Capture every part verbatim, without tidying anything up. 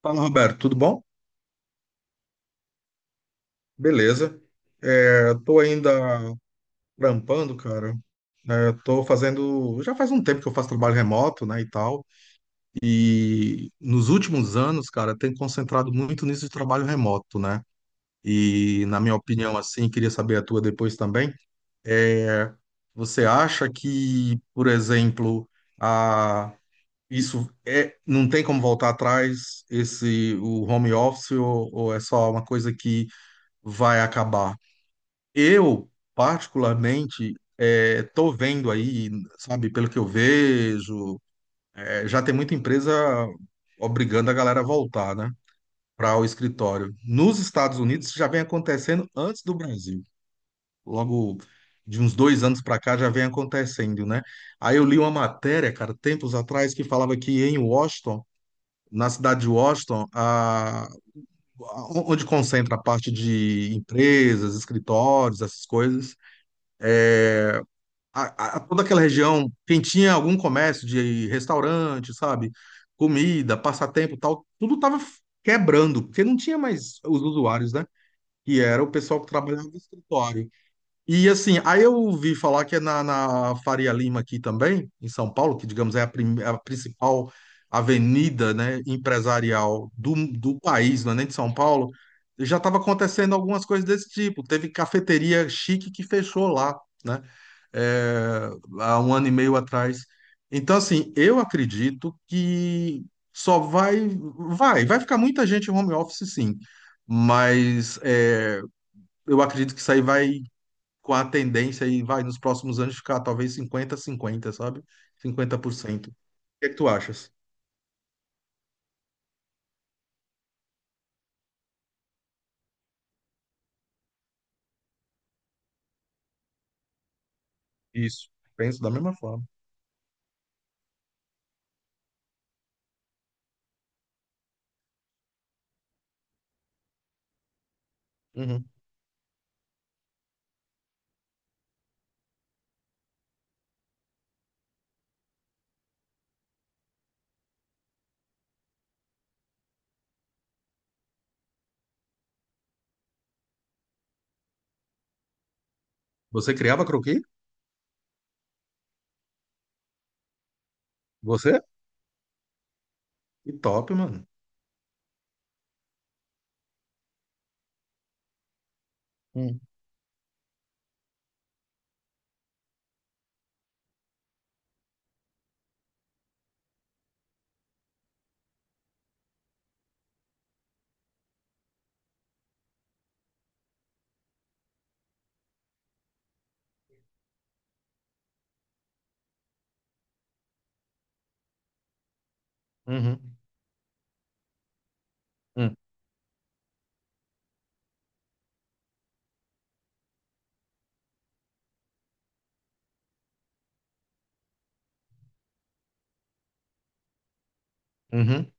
Fala, Roberto, tudo bom? Beleza. É, tô ainda trampando, cara. É, tô fazendo. Já faz um tempo que eu faço trabalho remoto, né, e tal. E nos últimos anos, cara, tenho concentrado muito nisso de trabalho remoto, né? E, na minha opinião, assim, queria saber a tua depois também. É, você acha que, por exemplo, a. isso é, não tem como voltar atrás esse o home office ou ou é só uma coisa que vai acabar? Eu, particularmente, eh, tô vendo aí, sabe, pelo que eu vejo, eh, já tem muita empresa obrigando a galera a voltar, né, para o escritório. Nos Estados Unidos isso já vem acontecendo antes do Brasil. Logo de uns dois anos para cá já vem acontecendo, né? Aí eu li uma matéria, cara, tempos atrás, que falava que em Washington, na cidade de Washington, a, a- onde concentra a parte de empresas, escritórios, essas coisas a- a- toda aquela região, quem tinha algum comércio de restaurante, sabe? Comida, passatempo, e tal, tudo tava quebrando, porque não tinha mais os usuários, né? E era o pessoal que trabalhava no escritório. E assim, aí eu ouvi falar que é na, na Faria Lima aqui também, em São Paulo, que digamos é a, prim- é a principal avenida, né, empresarial do, do país, não é nem de São Paulo, já estava acontecendo algumas coisas desse tipo. Teve cafeteria chique que fechou lá, né, é, há um ano e meio atrás. Então, assim, eu acredito que só vai, vai, vai ficar muita gente em home office, sim, mas é, eu acredito que isso aí vai com a tendência aí, vai, nos próximos anos ficar talvez 50 cinquenta sabe? cinquenta por cento. O que é que tu achas? Isso. Penso da mesma forma. Uhum. Você criava croquis? Você? Que top, mano. Hum, Uhum. Hum, uhum.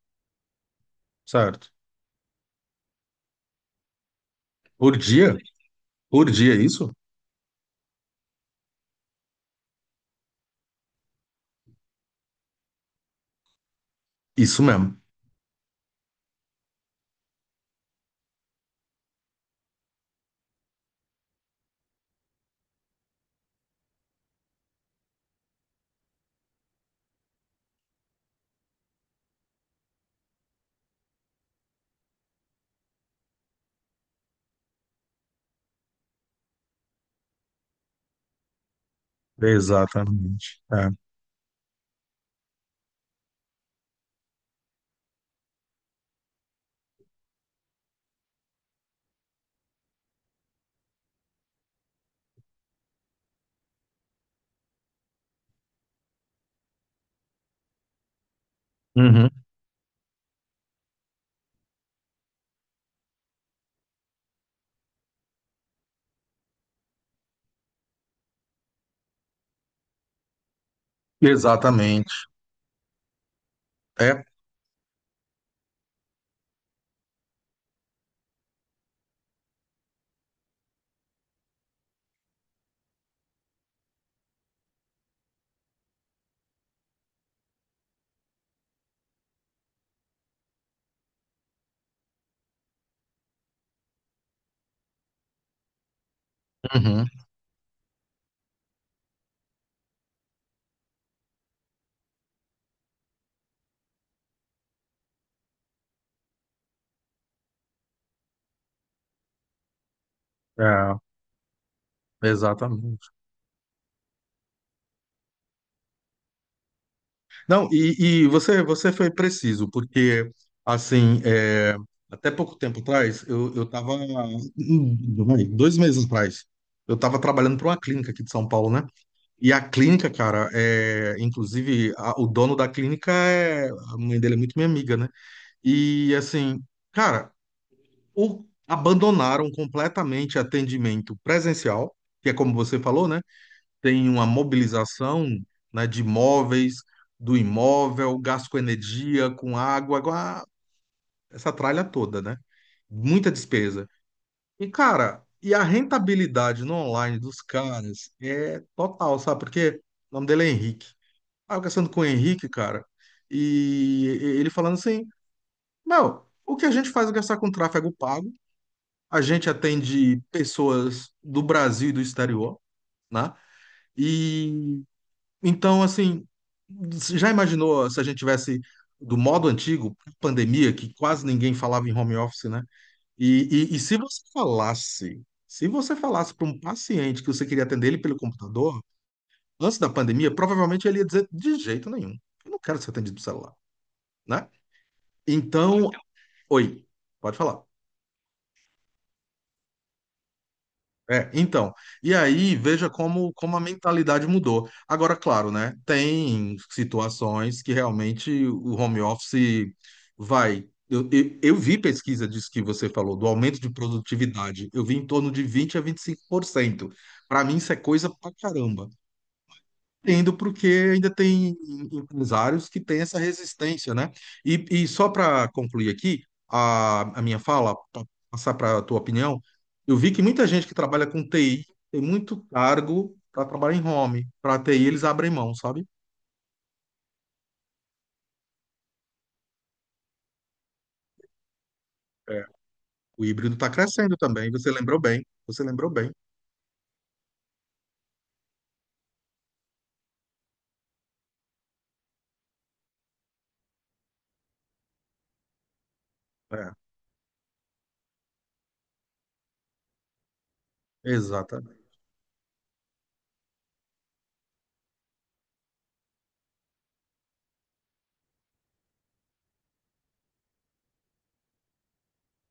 Certo. Por dia? Por dia, isso? Isso mesmo. Exatamente. É. Uhum. Exatamente. É. Uhum. É. Exatamente. Não, e, e você, você foi preciso, porque, assim, é, até pouco tempo atrás, eu, eu tava, hum, vai, dois meses atrás, eu estava trabalhando para uma clínica aqui de São Paulo, né? E a clínica, cara, é, inclusive, a- o dono da clínica é, a mãe dele é muito minha amiga, né? E, assim, cara, o- abandonaram completamente atendimento presencial, que é como você falou, né? Tem uma mobilização, né, de móveis, do imóvel, gasto com energia, com água, agora essa tralha toda, né? Muita despesa. E, cara, e a rentabilidade no online dos caras é total, sabe? Porque o nome dele é Henrique. Ah, eu conversando com o Henrique, cara, e e- ele falando assim, meu, o que a gente faz é gastar com tráfego pago, a gente atende pessoas do Brasil e do exterior, né? E Então, assim, você já imaginou se a gente tivesse do modo antigo, pandemia, que quase ninguém falava em home office, né? E, e, e se você falasse, se você falasse para um paciente que você queria atender ele pelo computador, antes da pandemia, provavelmente ele ia dizer de jeito nenhum. Eu não quero ser atendido pelo celular, né? Então, oi, pode falar. É, então, e aí veja como, como a mentalidade mudou. Agora, claro, né? Tem situações que realmente o home office vai. Eu, eu, eu vi pesquisa disso que você falou, do aumento de produtividade. Eu vi em torno de vinte a vinte e cinco por cento. Para mim, isso é coisa pra caramba. Entendo porque ainda tem empresários que têm essa resistência, né? E, e só para concluir aqui a, a minha fala, para passar para a tua opinião, eu vi que muita gente que trabalha com T I tem muito cargo para trabalhar em home. Para T I eles abrem mão, sabe? É. O híbrido está crescendo também, você lembrou bem, você lembrou bem. É, exatamente.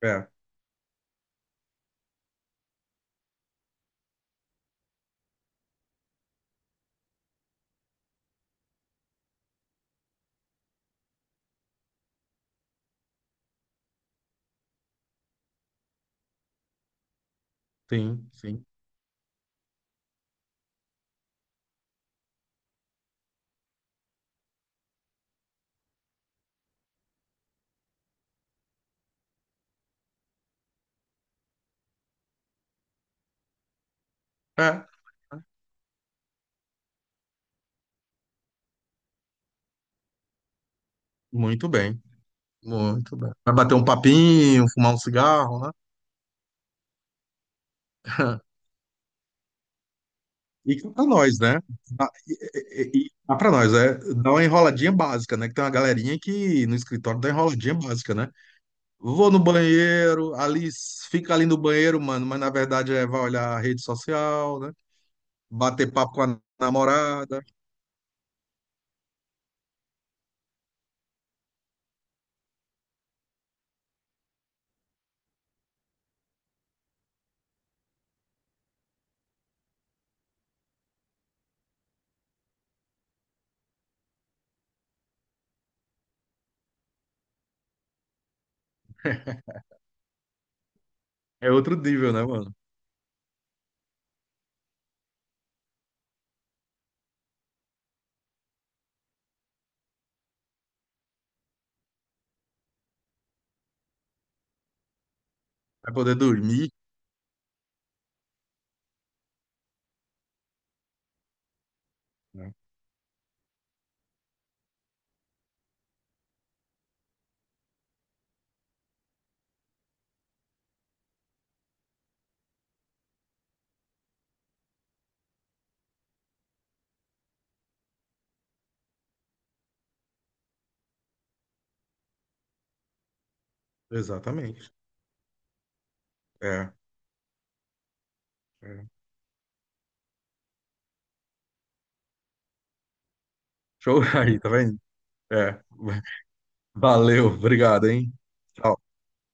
É, sim, sim. É, muito bem, muito bem. Vai bater um papinho, fumar um cigarro, né? E cá pra nós, né? Ah, E, e, e cá pra nós, é, dá uma enroladinha básica, né? Que tem uma galerinha que no escritório dá enroladinha básica, né? Vou no banheiro, ali s- fica ali no banheiro, mano, mas na verdade é vai olhar a rede social, né? Bater papo com a namorada. É outro nível, né, mano? Vai poder dormir, né? Exatamente. É, é. Show aí, tá vendo? É. Valeu, obrigado, hein? Tchau.